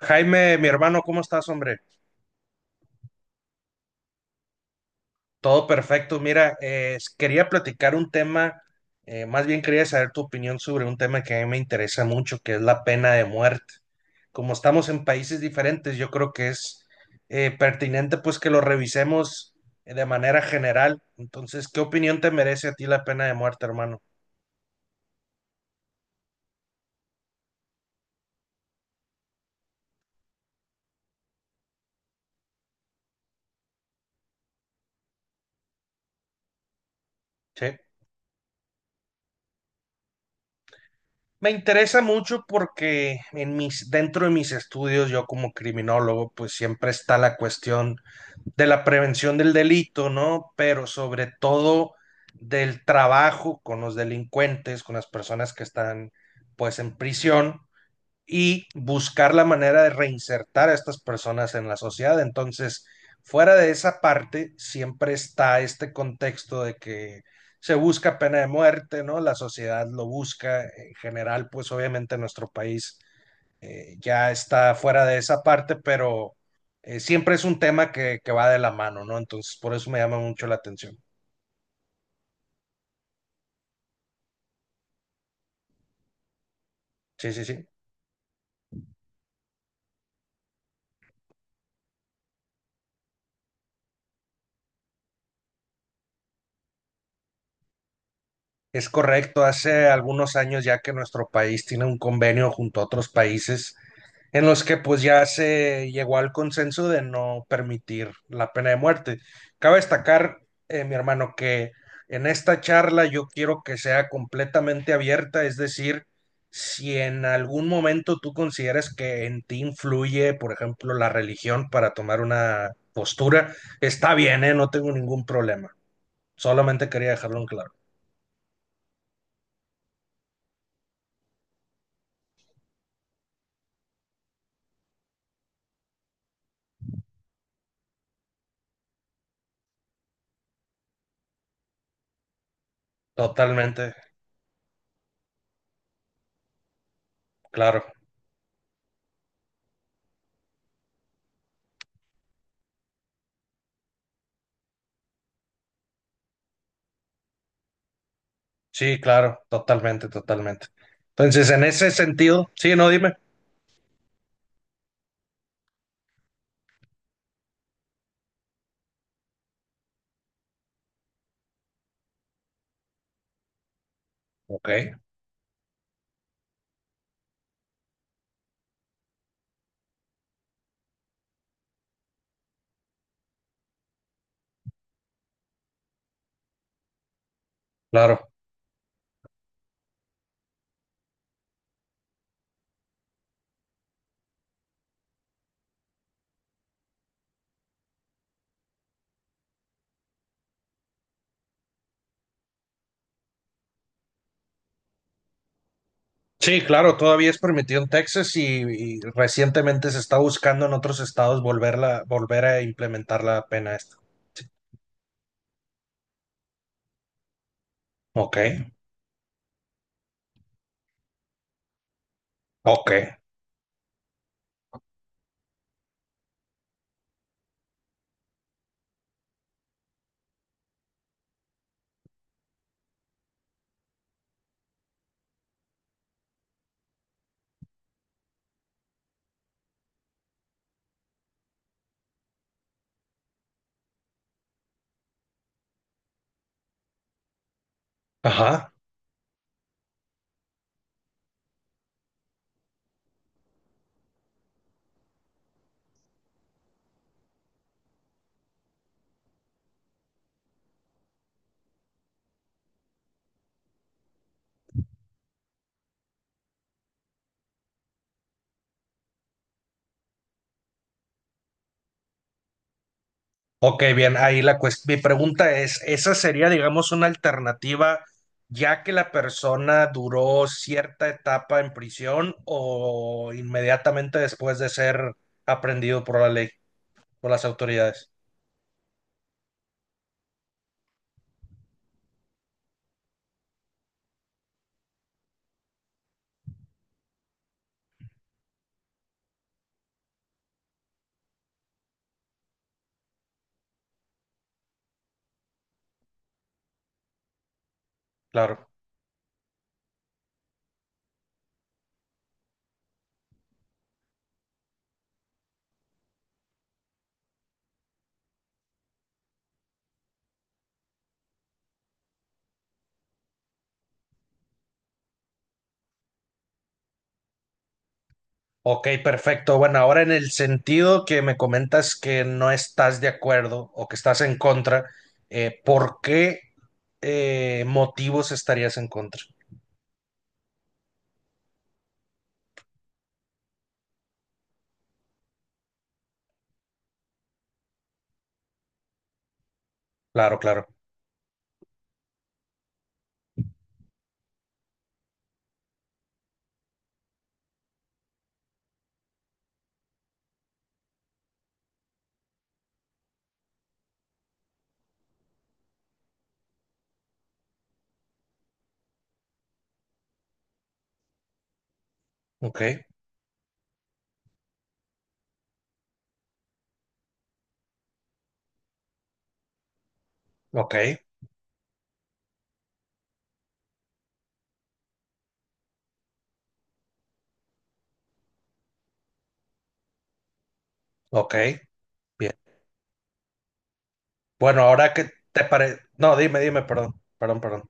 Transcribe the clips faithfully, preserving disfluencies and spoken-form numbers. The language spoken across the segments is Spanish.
Jaime, mi hermano, ¿cómo estás, hombre? Todo perfecto. Mira, eh, quería platicar un tema, eh, más bien quería saber tu opinión sobre un tema que a mí me interesa mucho, que es la pena de muerte. Como estamos en países diferentes, yo creo que es eh, pertinente pues que lo revisemos eh, de manera general. Entonces, ¿qué opinión te merece a ti la pena de muerte, hermano? Sí. Me interesa mucho porque en mis, dentro de mis estudios, yo como criminólogo, pues siempre está la cuestión de la prevención del delito, ¿no? Pero sobre todo del trabajo con los delincuentes, con las personas que están pues en prisión y buscar la manera de reinsertar a estas personas en la sociedad. Entonces, fuera de esa parte, siempre está este contexto de que se busca pena de muerte, ¿no? La sociedad lo busca. En general, pues obviamente nuestro país eh, ya está fuera de esa parte, pero eh, siempre es un tema que, que va de la mano, ¿no? Entonces, por eso me llama mucho la atención. Sí, sí, sí. Es correcto, hace algunos años ya que nuestro país tiene un convenio junto a otros países en los que pues ya se llegó al consenso de no permitir la pena de muerte. Cabe destacar, eh, mi hermano, que en esta charla yo quiero que sea completamente abierta, es decir, si en algún momento tú consideras que en ti influye, por ejemplo, la religión para tomar una postura, está bien, ¿eh? No tengo ningún problema. Solamente quería dejarlo en claro. Totalmente, claro. Sí, claro, totalmente, totalmente. Entonces, en ese sentido, sí, no, dime. Ok, claro. Sí, claro, todavía es permitido en Texas y, y recientemente se está buscando en otros estados volverla, volver a implementar la pena esta. Sí. Ok, ok, ajá. Ok, bien, ahí la cuestión. Mi pregunta es, ¿esa sería, digamos, una alternativa ya que la persona duró cierta etapa en prisión o inmediatamente después de ser aprendido por la ley, por las autoridades? Claro. Ok, perfecto. Bueno, ahora en el sentido que me comentas que no estás de acuerdo o que estás en contra, eh, ¿por qué eh, motivos estarías en contra? Claro, claro. Ok, ok, ok. Bien. Bueno, ahora que te parece... No, dime, dime, perdón, perdón, perdón.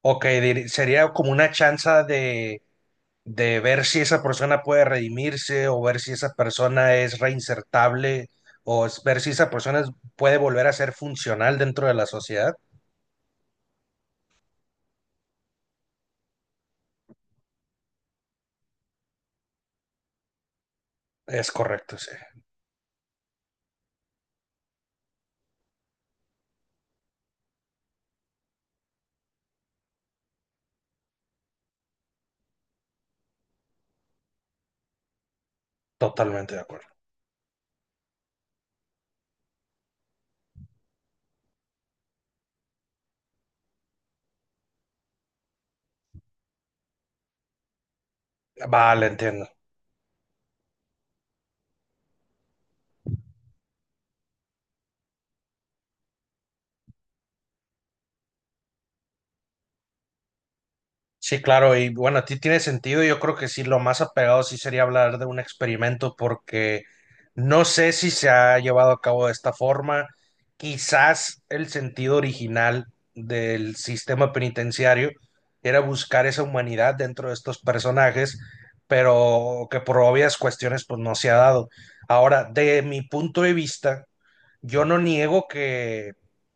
Ok, diri- sería como una chance de de ver si esa persona puede redimirse o ver si esa persona es reinsertable o es- ver si esa persona es- puede volver a ser funcional dentro de la sociedad. Es correcto, sí. Totalmente de acuerdo. Vale, entiendo. Sí, claro, y bueno, a ti tiene sentido. Yo creo que sí, lo más apegado sí sería hablar de un experimento, porque no sé si se ha llevado a cabo de esta forma. Quizás el sentido original del sistema penitenciario era buscar esa humanidad dentro de estos personajes, pero que por obvias cuestiones pues no se ha dado. Ahora, de mi punto de vista, yo no niego que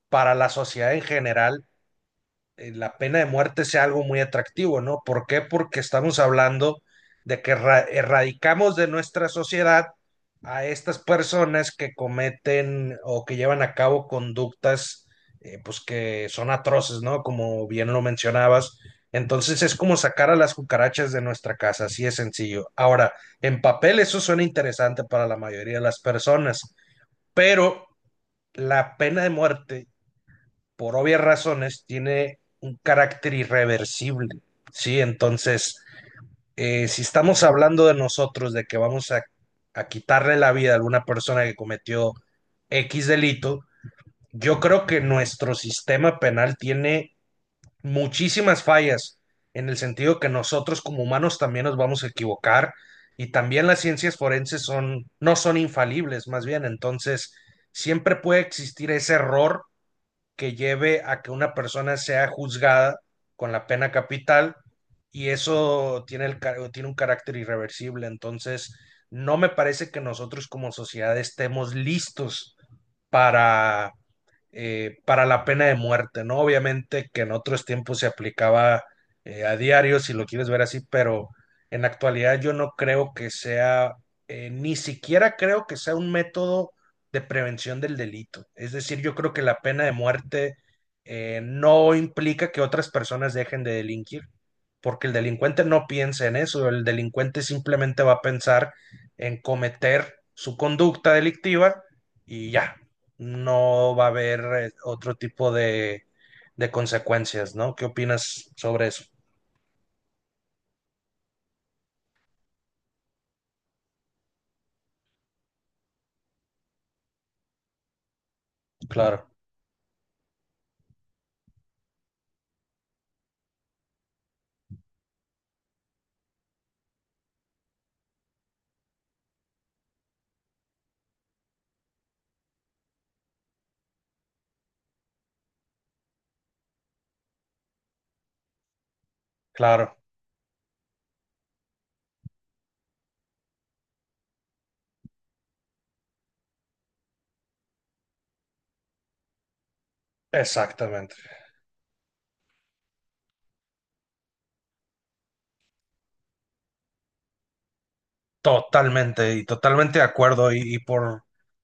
para la sociedad en general eh, la pena de muerte sea algo muy atractivo, ¿no? ¿Por qué? Porque estamos hablando de que erra- erradicamos de nuestra sociedad a estas personas que cometen o que llevan a cabo conductas eh, pues que son atroces, ¿no? Como bien lo mencionabas. Entonces es como sacar a las cucarachas de nuestra casa, así es sencillo. Ahora, en papel eso suena interesante para la mayoría de las personas, pero la pena de muerte por obvias razones, tiene un carácter irreversible, ¿sí? Entonces, eh, si estamos hablando de nosotros, de que vamos a, a quitarle la vida a alguna persona que cometió X delito, yo creo que nuestro sistema penal tiene muchísimas fallas en el sentido que nosotros como humanos también nos vamos a equivocar y también las ciencias forenses son no son infalibles, más bien, entonces siempre puede existir ese error que lleve a que una persona sea juzgada con la pena capital y eso tiene, el, tiene un carácter irreversible. Entonces, no me parece que nosotros como sociedad estemos listos para eh, para la pena de muerte, ¿no? Obviamente que en otros tiempos se aplicaba eh, a diario, si lo quieres ver así, pero en la actualidad yo no creo que sea, eh, ni siquiera creo que sea un método de prevención del delito. Es decir, yo creo que la pena de muerte eh, no implica que otras personas dejen de delinquir, porque el delincuente no piensa en eso, el delincuente simplemente va a pensar en cometer su conducta delictiva y ya, no va a haber eh, otro tipo de, de consecuencias, ¿no? ¿Qué opinas sobre eso? Claro, claro, exactamente. Totalmente y totalmente de acuerdo. Y, y por,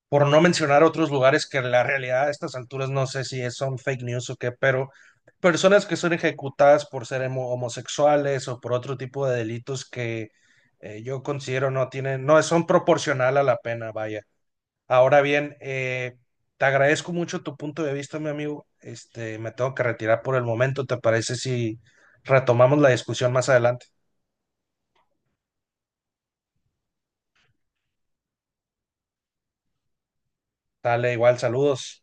por no mencionar otros lugares que en la realidad a estas alturas no sé si es- son fake news o qué, pero personas que son ejecutadas por ser homo- homosexuales o por otro tipo de delitos que eh, yo considero no tienen, no son proporcional a la pena, vaya. Ahora bien, eh, te agradezco mucho tu punto de vista, mi amigo. Este, me tengo que retirar por el momento. ¿Te parece si retomamos la discusión más adelante? Dale, igual, saludos.